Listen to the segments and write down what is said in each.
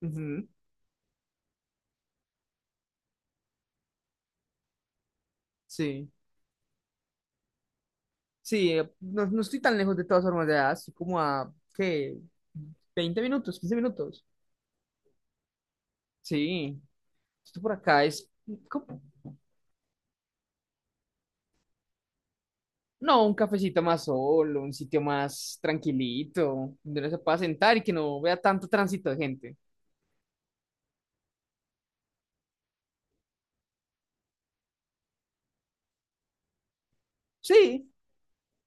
Ujú. Sí, sí, no, no estoy tan lejos de todas formas de allá, estoy como a, ¿qué? 20 minutos, 15 minutos. Sí, esto por acá es como- no, un cafecito más solo, un sitio más tranquilito, donde uno se pueda sentar y que no vea tanto tránsito de gente. Sí.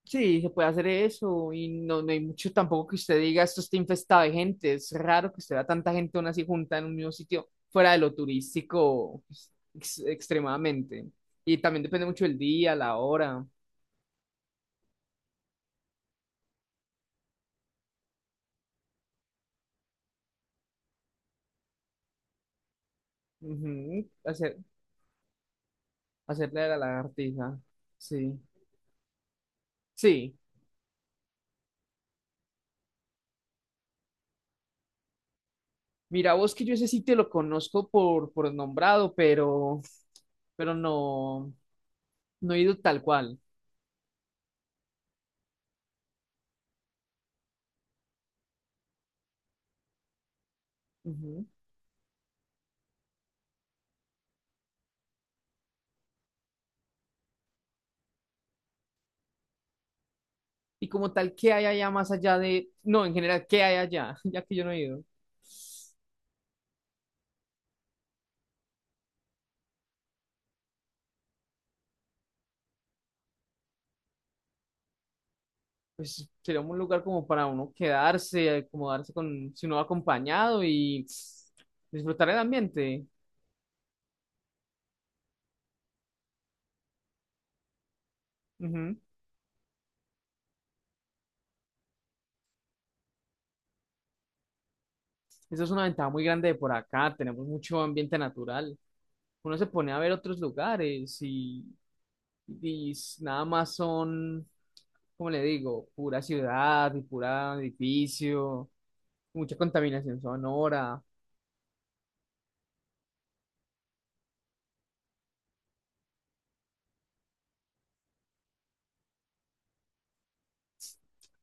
Sí, se puede hacer eso y no, no hay mucho tampoco que usted diga esto está infestado de gente. Es raro que usted vea tanta gente aún así junta en un mismo sitio, fuera de lo turístico pues, extremadamente. Y también depende mucho del día, la hora. Ujú. Hacer, hacerle a la lagartija. Sí. Sí. Mira, vos que yo ese sitio lo conozco por nombrado, pero no, no he ido tal cual. Ujú. Y como tal, ¿qué hay allá más allá de, no, en general, qué hay allá, ya que yo no he ido? Pues sería un lugar como para uno quedarse, acomodarse con, si uno va acompañado y tss, disfrutar el ambiente. Ujú. Eso es una ventaja muy grande de por acá, tenemos mucho ambiente natural. Uno se pone a ver otros lugares, y nada más son, como le digo, pura ciudad y pura edificio, mucha contaminación sonora.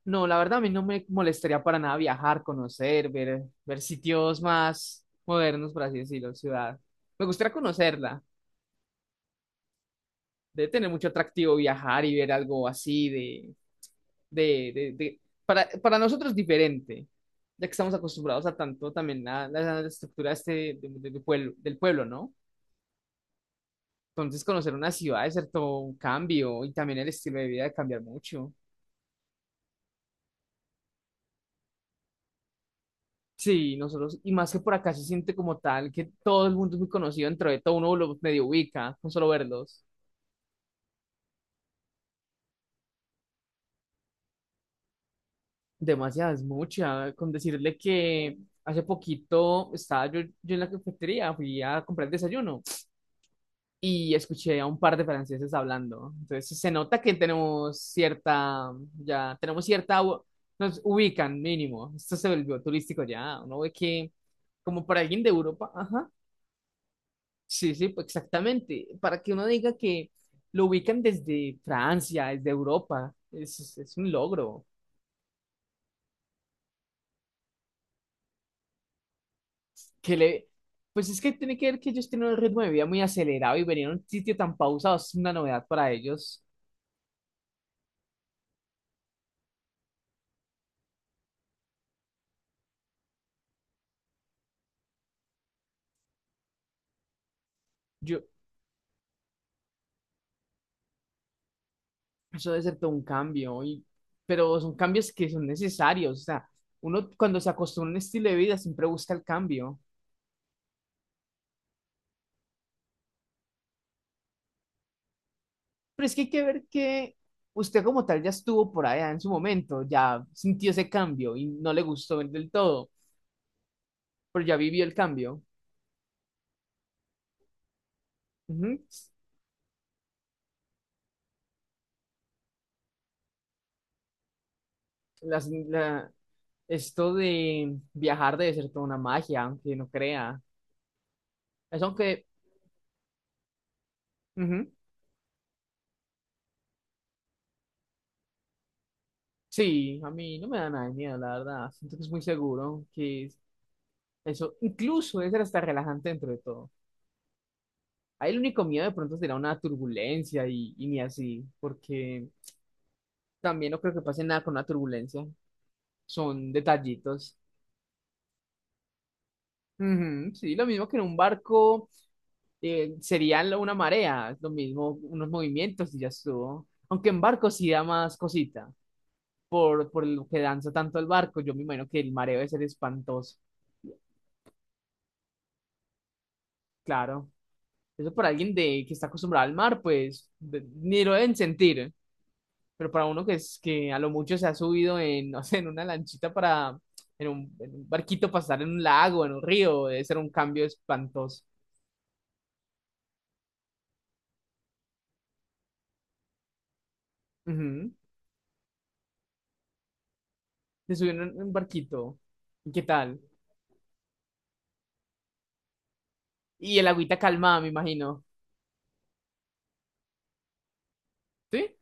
No, la verdad a mí no me molestaría para nada viajar, conocer, ver, ver sitios más modernos, por así decirlo, ciudad. Me gustaría conocerla. Debe tener mucho atractivo viajar y ver algo así de, de, de- para nosotros diferente, ya que estamos acostumbrados a tanto también a, la estructura de pueblo, del pueblo, ¿no? Entonces conocer una ciudad es cierto un cambio y también el estilo de vida de cambiar mucho. Sí, nosotros, y más que por acá se siente como tal, que todo el mundo es muy conocido dentro de todo, uno lo medio ubica, con solo verlos. Demasiado, es mucha, con decirle que hace poquito estaba yo en la cafetería, fui a comprar el desayuno y escuché a un par de franceses hablando. Entonces se nota que tenemos cierta, ya tenemos cierta, nos ubican mínimo. Esto se volvió turístico ya, uno ve que como para alguien de Europa, ajá. Sí, sí, pues, exactamente. Para que uno diga que lo ubican desde Francia, desde Europa, es un logro. Que le, pues es que tiene que ver que ellos tienen un ritmo de vida muy acelerado y venir a un sitio tan pausado es una novedad para ellos. Yo, eso debe ser todo un cambio, y, pero son cambios que son necesarios. O sea, uno cuando se acostumbra a un estilo de vida siempre busca el cambio. Pero es que hay que ver que usted como tal ya estuvo por allá en su momento, ya sintió ese cambio y no le gustó del todo. Pero ya viví el cambio. Ujú. Las- la- Esto de viajar debe ser toda una magia, aunque no crea. Es aunque, ujú, sí, a mí no me da nada de miedo, la verdad. Siento que es muy seguro, eso incluso debe ser hasta relajante dentro de todo. Ahí el único miedo de pronto será una turbulencia y ni así, porque también no creo que pase nada con una turbulencia. Son detallitos. Ujú, sí, lo mismo que en un barco sería una marea, lo mismo, unos movimientos y ya estuvo. Aunque en barco sí da más cosita, por lo que danza tanto el barco, yo me imagino que el mareo debe ser espantoso, claro. Eso para alguien de, que está acostumbrado al mar, pues ni lo deben sentir, pero para uno que, es, que a lo mucho se ha subido en, no sé, en una lanchita para, en en un barquito para estar en un lago, en un río, debe ser un cambio espantoso. Ujú. Se subió en un barquito, ¿y qué tal? Y el agüita calmada, me imagino. ¿Sí?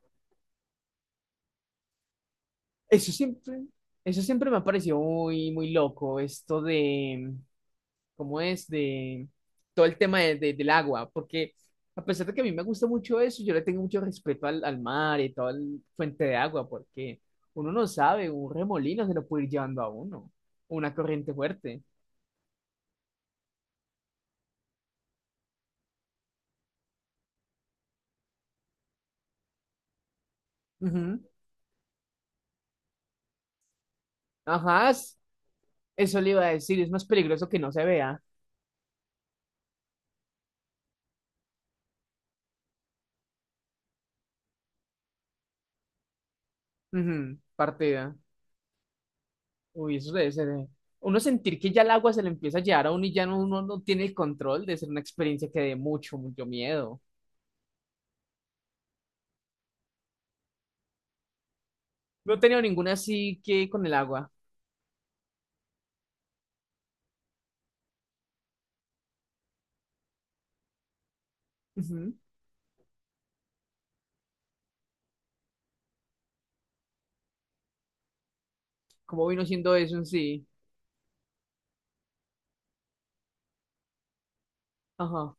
Eso siempre, eso siempre me ha parecido muy, muy loco, esto de, ¿cómo es? De todo el tema del agua, porque a pesar de que a mí me gusta mucho eso, yo le tengo mucho respeto al, al mar y toda la fuente de agua, porque uno no sabe, un remolino se lo puede ir llevando a uno, una corriente fuerte. Ujú. Ajá, eso le iba a decir, es más peligroso que no se vea. Ujú. Partida. Uy, eso debe ser. Uno sentir que ya el agua se le empieza a llevar a uno y ya no, uno no tiene el control de ser una experiencia que dé mucho, mucho miedo. No he tenido ninguna así que con el agua. Ujú. ¿Cómo vino siendo eso en sí? Ajá.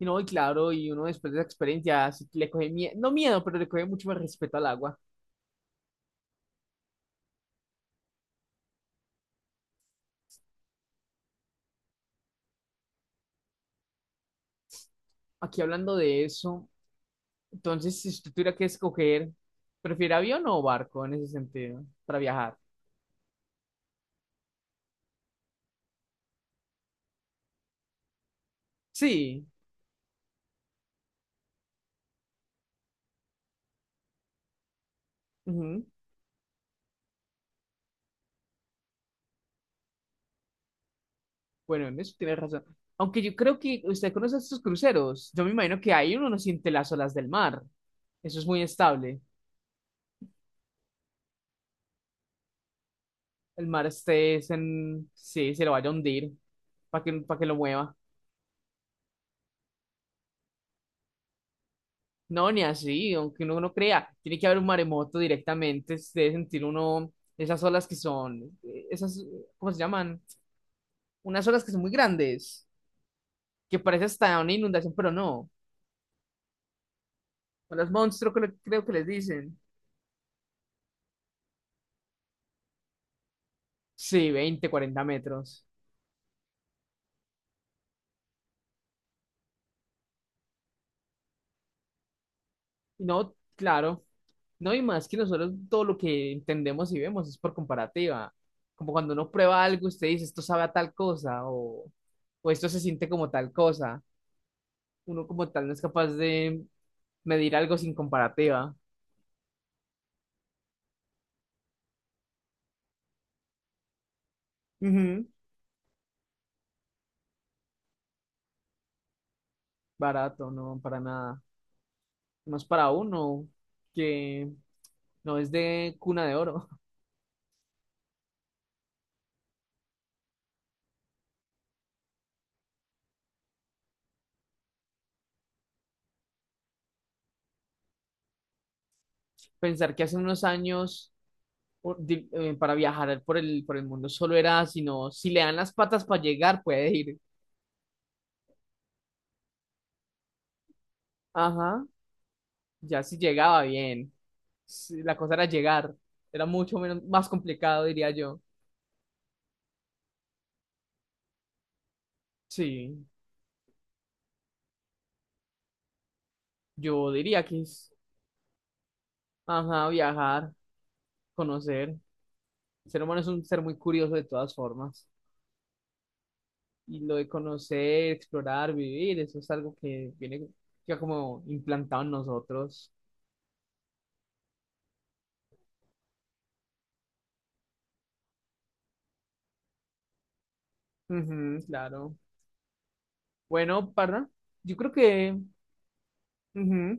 Y no, y claro, y uno después de esa experiencia así que le coge miedo, no miedo, pero le coge mucho más respeto al agua. Aquí hablando de eso, entonces si usted tuviera que escoger, ¿prefiere avión o barco en ese sentido para viajar? Sí. Ujú. Bueno, en eso tienes razón. Aunque yo creo que usted conoce estos cruceros. Yo me imagino que ahí uno no siente las olas del mar. Eso es muy estable. El mar este es en... Sí, se lo vaya a hundir para que lo mueva. No, ni así, aunque uno no crea. Tiene que haber un maremoto directamente. Se debe sentir uno esas olas que son... Esas, ¿cómo se llaman? Unas olas que son muy grandes. Que parece hasta una inundación, pero no. Olas monstruo, creo que les dicen. Sí, 20, 40 metros. No, claro. No y más que nosotros todo lo que entendemos y vemos es por comparativa. Como cuando uno prueba algo, usted dice, esto sabe a tal cosa o esto se siente como tal cosa. Uno como tal no es capaz de medir algo sin comparativa. Ujú. Barato, no, para nada. Más para uno que no es de cuna de oro. Pensar que hace unos años para viajar por el mundo solo era, sino si le dan las patas para llegar, puede ir. Ajá, ya si llegaba bien. Sí, la cosa era llegar. Era mucho menos, más complicado, diría yo. Sí, yo diría que es, ajá, viajar, conocer. El ser humano es un ser muy curioso de todas formas. Y lo de conocer, explorar, vivir, eso es algo que viene ya como implantado en nosotros. Ujú, claro. Bueno, parra, yo creo que... ujú,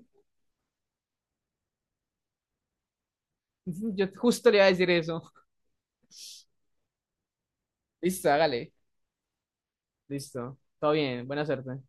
ujú, yo justo le iba a decir eso. Listo, hágale. Listo. Todo bien, buena suerte.